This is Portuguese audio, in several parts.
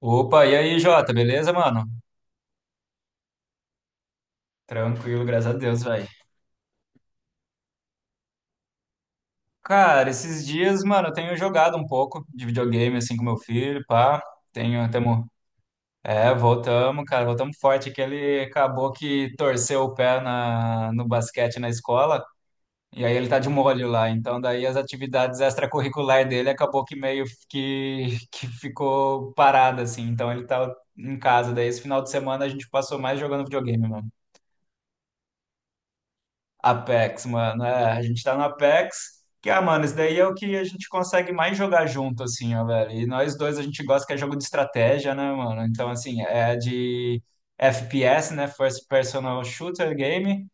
Opa, e aí, Jota, beleza, mano? Tranquilo, graças a Deus, velho. Cara, esses dias, mano, eu tenho jogado um pouco de videogame, assim, com meu filho, pá. Tenho, tamo, Voltamos, cara, voltamos forte, que ele acabou que torceu o pé no basquete na escola, e aí ele tá de molho lá. Então, daí as atividades extracurriculares dele acabou que meio que ficou parada, assim. Então, ele tá em casa. Daí, esse final de semana, a gente passou mais jogando videogame, mano. Apex, mano. É, a gente tá no Apex, que, ah, mano, isso daí é o que a gente consegue mais jogar junto, assim, ó, velho. E nós dois a gente gosta que é jogo de estratégia, né, mano? Então, assim, é de FPS, né? First Personal Shooter Game.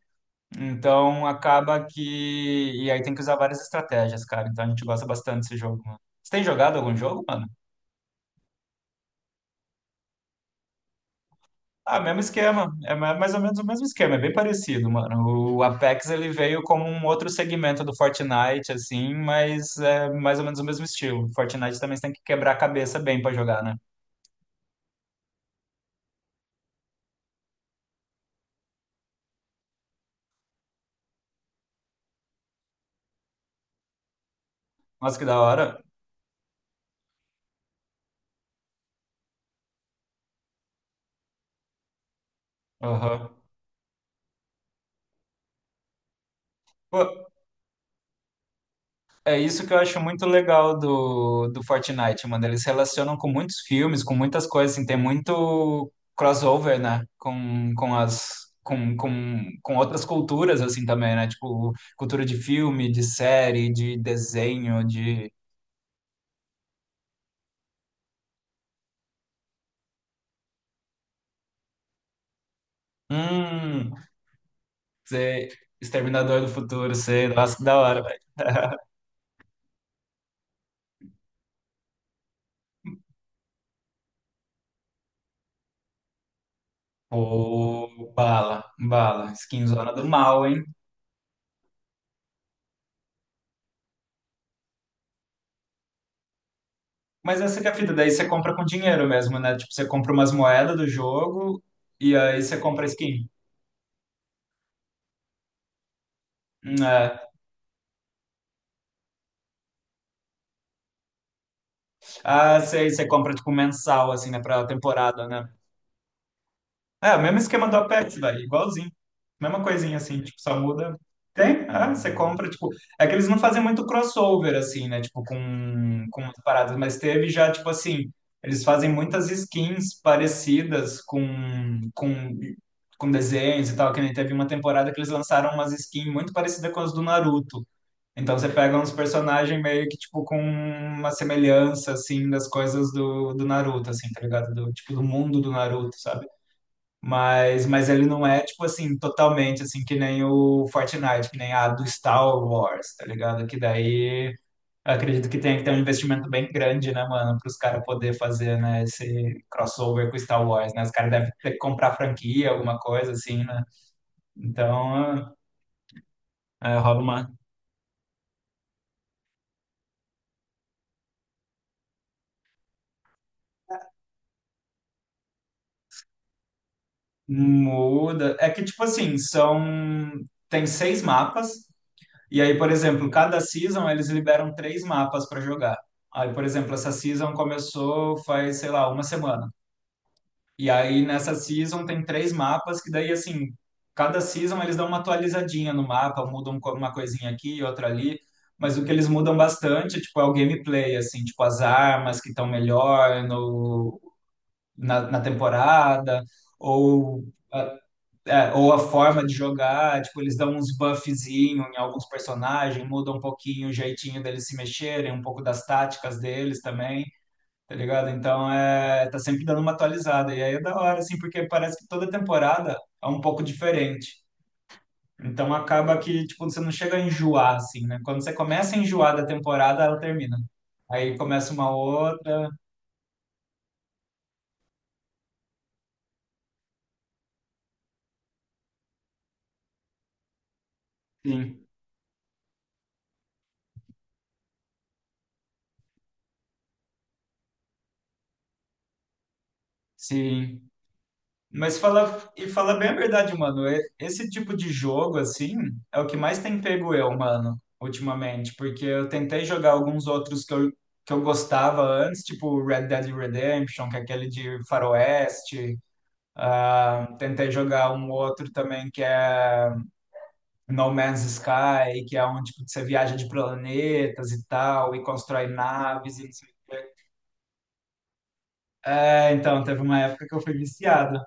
Então, acaba que. E aí tem que usar várias estratégias, cara. Então, a gente gosta bastante desse jogo, mano. Você tem jogado algum jogo, mano? Ah, mesmo esquema. É mais ou menos o mesmo esquema, é bem parecido, mano. O Apex ele veio como um outro segmento do Fortnite, assim, mas é mais ou menos o mesmo estilo. Fortnite também você tem que quebrar a cabeça bem pra jogar, né? Nossa, que da hora. Aham. É isso que eu acho muito legal do Fortnite, mano. Eles relacionam com muitos filmes, com muitas coisas, assim, tem muito crossover, né? Com as com outras culturas, assim, também, né? Tipo, cultura de filme, de série, de desenho, de. Hum, Sei, Exterminador do Futuro, sei, nossa, que da hora, velho. Pô, bala, bala, skinzona do mal, hein? Mas essa que é a fita, daí você compra com dinheiro mesmo, né? Tipo, você compra umas moedas do jogo e aí você compra skin. É. Ah, sei, você compra tipo mensal, assim, né? Pra temporada, né? É, o mesmo esquema do Apex, velho, igualzinho. Mesma coisinha assim, tipo, só muda. Tem, ah, você compra, tipo. É que eles não fazem muito crossover, assim, né? Tipo, com umas paradas, mas teve já, tipo assim, eles fazem muitas skins parecidas com desenhos e tal, que nem teve uma temporada que eles lançaram umas skins muito parecidas com as do Naruto. Então você pega uns personagens meio que, tipo, com uma semelhança, assim, das coisas do Naruto, assim, tá ligado? Do, tipo, do mundo do Naruto, sabe? Mas ele não é, tipo assim, totalmente assim, que nem o Fortnite, que nem a do Star Wars, tá ligado? Que daí eu acredito que tem que ter um investimento bem grande, né, mano, para os caras poder fazer, né, esse crossover com Star Wars, né? Os caras devem ter que comprar franquia, alguma coisa assim, né? Então, é, rola uma muda. É que, tipo assim, são. Tem seis mapas. E aí, por exemplo, cada season eles liberam três mapas para jogar. Aí, por exemplo, essa season começou faz, sei lá, uma semana. E aí nessa season tem três mapas que daí assim, cada season eles dão uma atualizadinha no mapa, mudam uma coisinha aqui, e outra ali, mas o que eles mudam bastante, tipo, é o gameplay assim, tipo as armas que estão melhor no na temporada ou é, ou a forma de jogar, tipo, eles dão uns buffzinho em alguns personagens, mudam um pouquinho o jeitinho deles se mexerem, um pouco das táticas deles também, tá ligado? Então, é, tá sempre dando uma atualizada. E aí é da hora, assim, porque parece que toda temporada é um pouco diferente. Então, acaba que, tipo, você não chega a enjoar, assim, né? Quando você começa a enjoar da temporada, ela termina. Aí começa uma outra. Sim, sim. Mas fala, fala bem a verdade, mano. Esse tipo de jogo, assim, é o que mais tem pego eu, mano, ultimamente. Porque eu tentei jogar alguns outros que eu gostava antes, tipo Red Dead Redemption, que é aquele de Faroeste. Ah, tentei jogar um outro também que é No Man's Sky, que é onde tipo, você viaja de planetas e tal, e constrói naves e não sei o quê. É, então, teve uma época que eu fui viciado.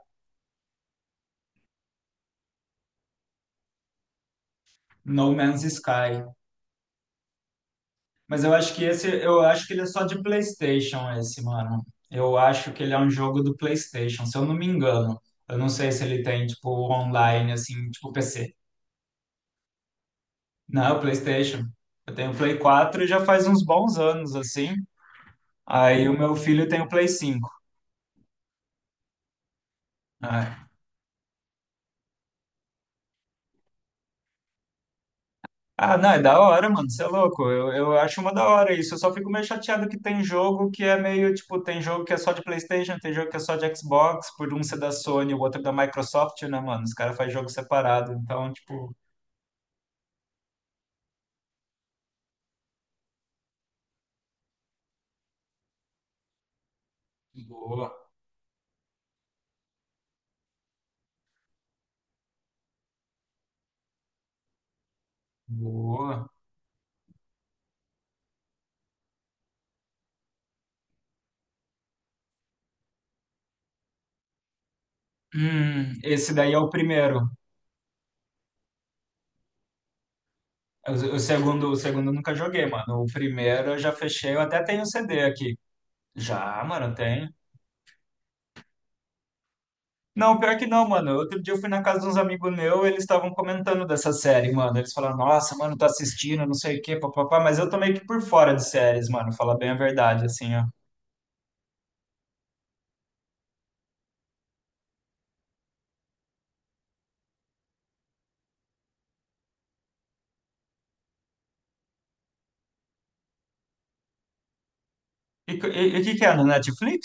No Man's Sky. Mas eu acho que esse, eu acho que ele é só de PlayStation esse, mano. Eu acho que ele é um jogo do PlayStation, se eu não me engano. Eu não sei se ele tem tipo online assim, tipo PC. Não, PlayStation. Eu tenho Play 4 já faz uns bons anos assim. Aí o meu filho tem o Play 5. Ah, não, é da hora, mano, você é louco. Eu acho uma da hora isso. Eu só fico meio chateado que tem jogo que é meio, tipo, tem jogo que é só de PlayStation, tem jogo que é só de Xbox, por um ser da Sony, o outro da Microsoft, né, mano? Os caras fazem jogo separado. Então, tipo. Boa, boa. Esse daí é o primeiro. O, o segundo eu nunca joguei, mano. O primeiro eu já fechei, eu até tenho o CD aqui. Já, mano, tem. Não, pior que não, mano. Outro dia eu fui na casa de uns amigos meus, eles estavam comentando dessa série, mano. Eles falaram, nossa, mano, tá assistindo, não sei o quê, papapá. Mas eu tô meio que por fora de séries, mano. Falar bem a verdade, assim, ó. E o que que é, no Netflix?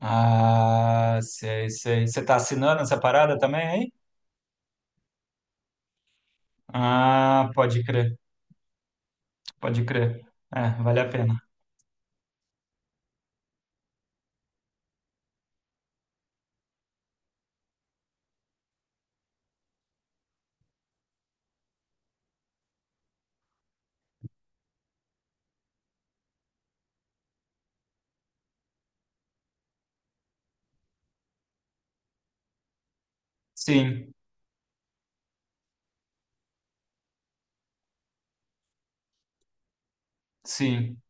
Ah, sei, sei. Você tá assinando essa parada também, aí? Ah, pode crer, pode crer. É, vale a pena. Sim, sim,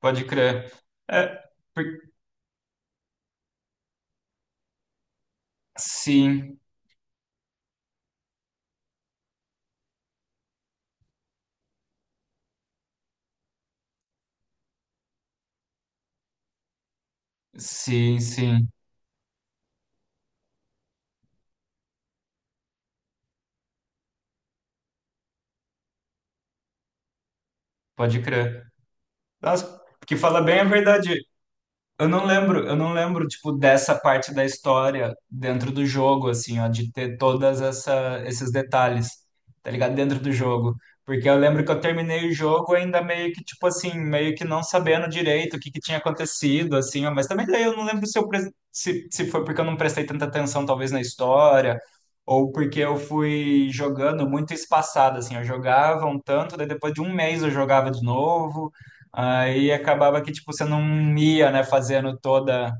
pode crer. É, por- sim, sim, sim, pode crer. Nossa, porque fala bem a verdade. Eu não lembro, tipo, dessa parte da história dentro do jogo, assim, ó, de ter todas esses detalhes, tá ligado? Dentro do jogo. Porque eu lembro que eu terminei o jogo ainda meio que, tipo assim, meio que não sabendo direito o que que tinha acontecido, assim, ó, mas também daí eu não lembro se, se foi porque eu não prestei tanta atenção, talvez, na história, ou porque eu fui jogando muito espaçado, assim, eu jogava um tanto, daí depois de um mês eu jogava de novo, Aí acabava que, tipo, você não ia, né, fazendo toda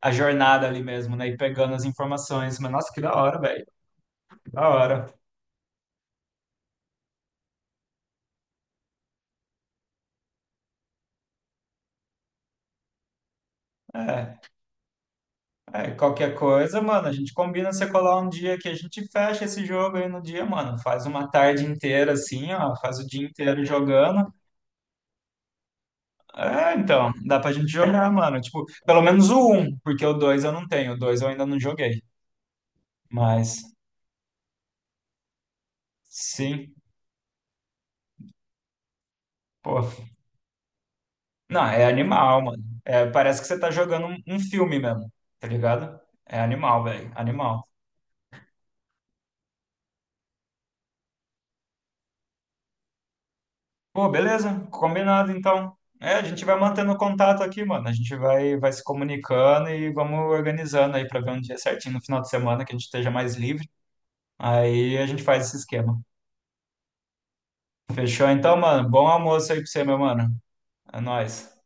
a jornada ali mesmo, né, e pegando as informações. Mas, nossa, que da hora, velho, que da hora. É, é, qualquer coisa, mano, a gente combina você colar um dia que a gente fecha esse jogo aí no dia, mano. Faz uma tarde inteira assim, ó, faz o dia inteiro jogando. É, então, dá pra gente jogar, mano. Tipo, pelo menos o um, porque o dois eu não tenho, o dois eu ainda não joguei. Mas, sim, pô. Não, é animal, mano. É, parece que você tá jogando um filme mesmo, tá ligado? É animal, velho. Animal. Pô, beleza? Combinado, então. É, a gente vai mantendo contato aqui, mano. A gente vai se comunicando e vamos organizando aí pra ver um dia certinho no final de semana que a gente esteja mais livre. Aí a gente faz esse esquema. Fechou então, mano? Bom almoço aí pra você, meu mano. É nóis.